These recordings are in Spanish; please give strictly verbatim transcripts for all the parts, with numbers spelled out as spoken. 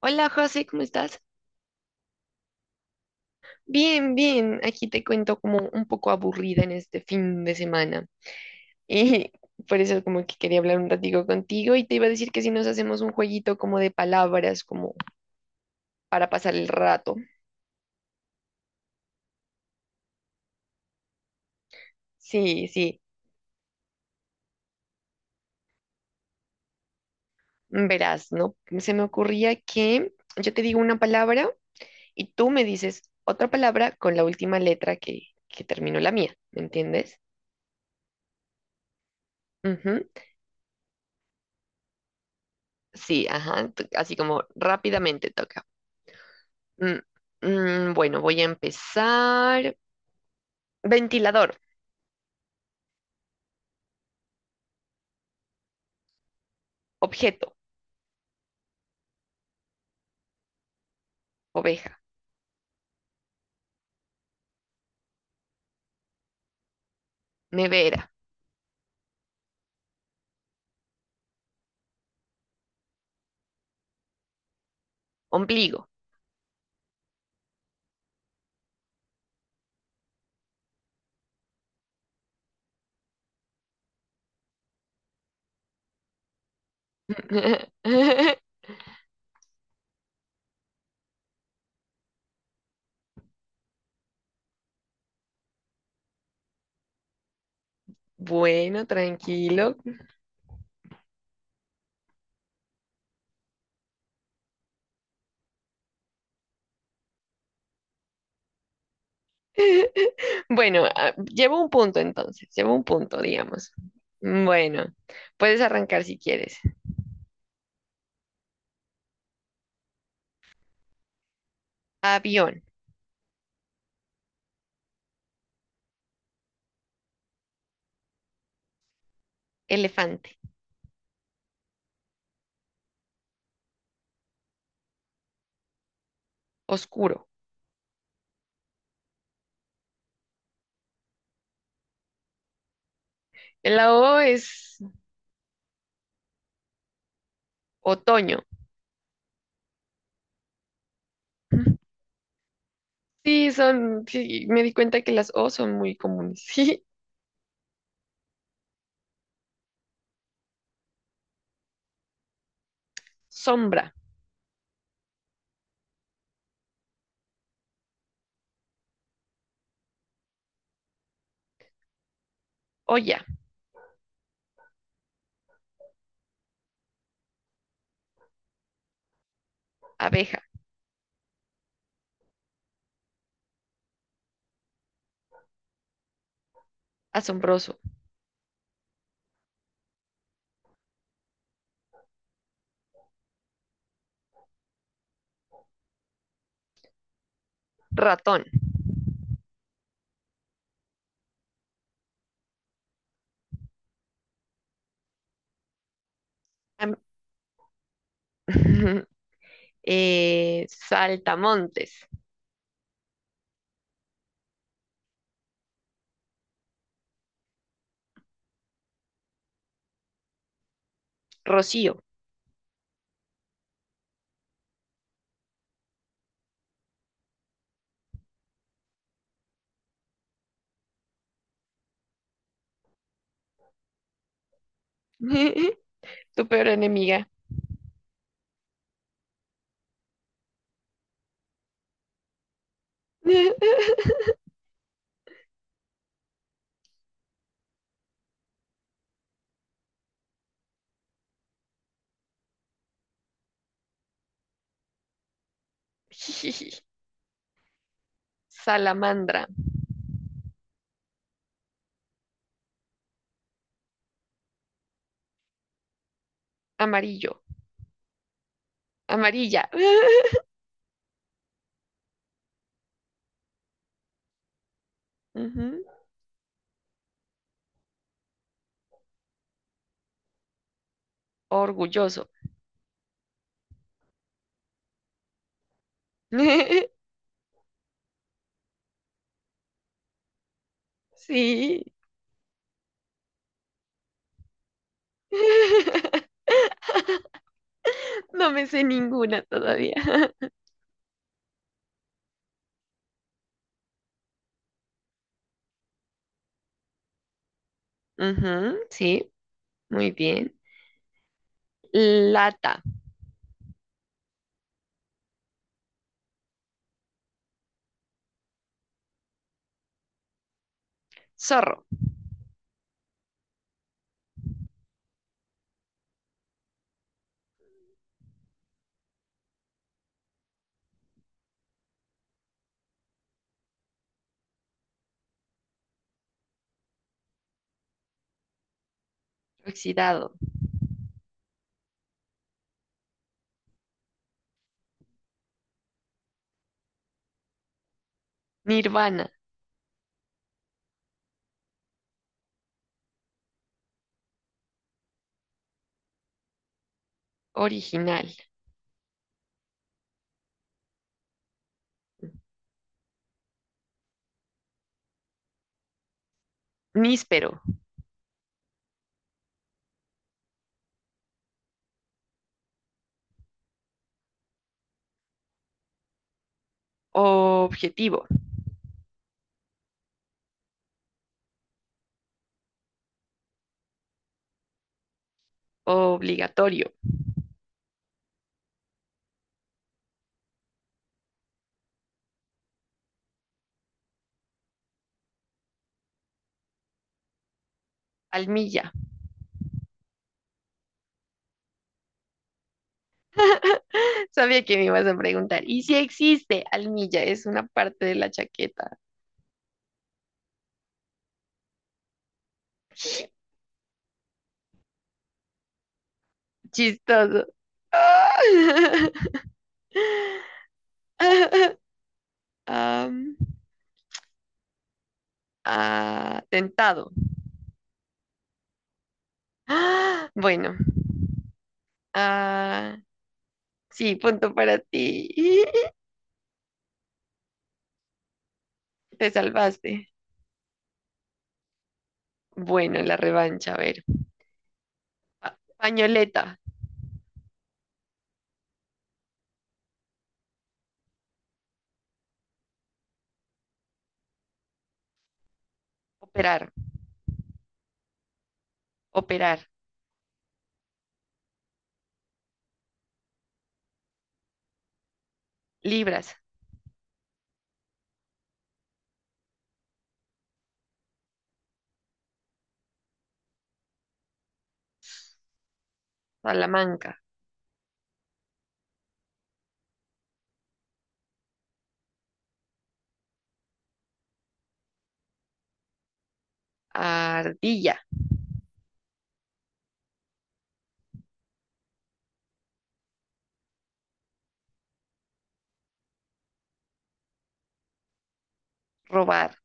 Hola José, ¿cómo estás? Bien, bien. Aquí te cuento como un poco aburrida en este fin de semana. Y por eso como que quería hablar un ratico contigo y te iba a decir que si nos hacemos un jueguito como de palabras, como para pasar el rato. Sí, sí. Verás, ¿no? Se me ocurría que yo te digo una palabra y tú me dices otra palabra con la última letra que, que terminó la mía. ¿Me entiendes? Ujú. Sí, ajá. t- Así como rápidamente toca. Mm, mm, bueno, voy a empezar. Ventilador, objeto, oveja, nevera, ombligo. Bueno, tranquilo. Bueno, ah, llevo un punto entonces, llevo un punto, digamos. Bueno, puedes arrancar si quieres. Avión, elefante, oscuro. La O es otoño. Sí, son, sí, me di cuenta que las O son muy comunes. Sí, sombra, olla, abeja, asombroso. Ratón, Am- eh, saltamontes, Rocío, tu peor enemiga, salamandra, amarillo, amarilla, Ujú, orgulloso. Sí. No me sé ninguna todavía. Ujú, sí, muy bien. Lata, zorro, oxidado, nirvana, original, níspero, objetivo, obligatorio, almilla. Sabía que me ibas a preguntar. ¿Y si existe almilla? Es una parte de la chaqueta. Chistoso. Am, atentado. Ah, bueno. Ah, sí, punto para ti. Te salvaste. Bueno, la revancha, a ver. Pa- pañoleta, operar, operar, libras, Salamanca, ardilla, robar,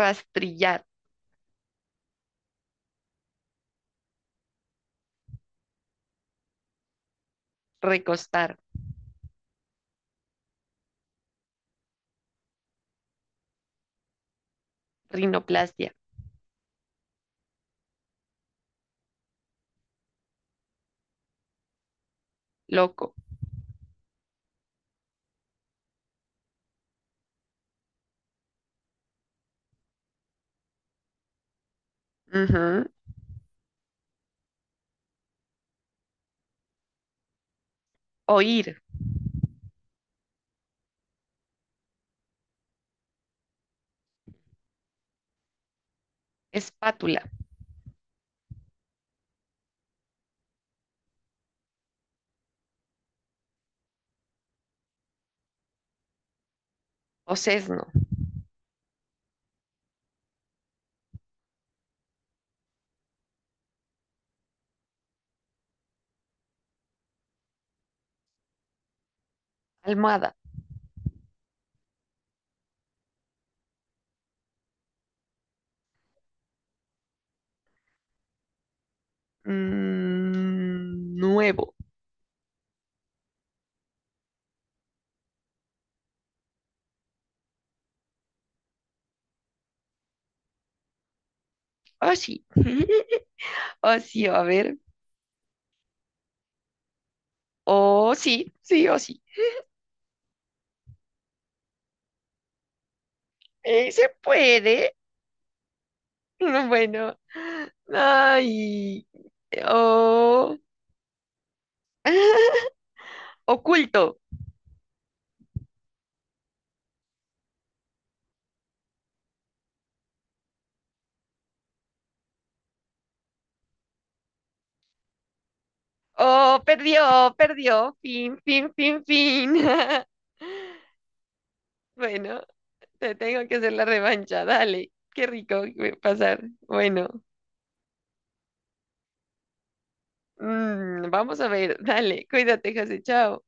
rastrillar, recostar, rinoplastia, loco, ujú, oír, espátula, sesno, almohada, mm, nuevo, oh sí, oh sí, a ver, oh sí, sí, oh sí, Eh, se puede, bueno, ay, oh, oculto, oh, perdió, perdió, fin, fin, fin, fin, bueno. Te tengo que hacer la revancha, dale. Qué rico eh, pasar. Bueno, mm, vamos a ver, dale. Cuídate, José, chao.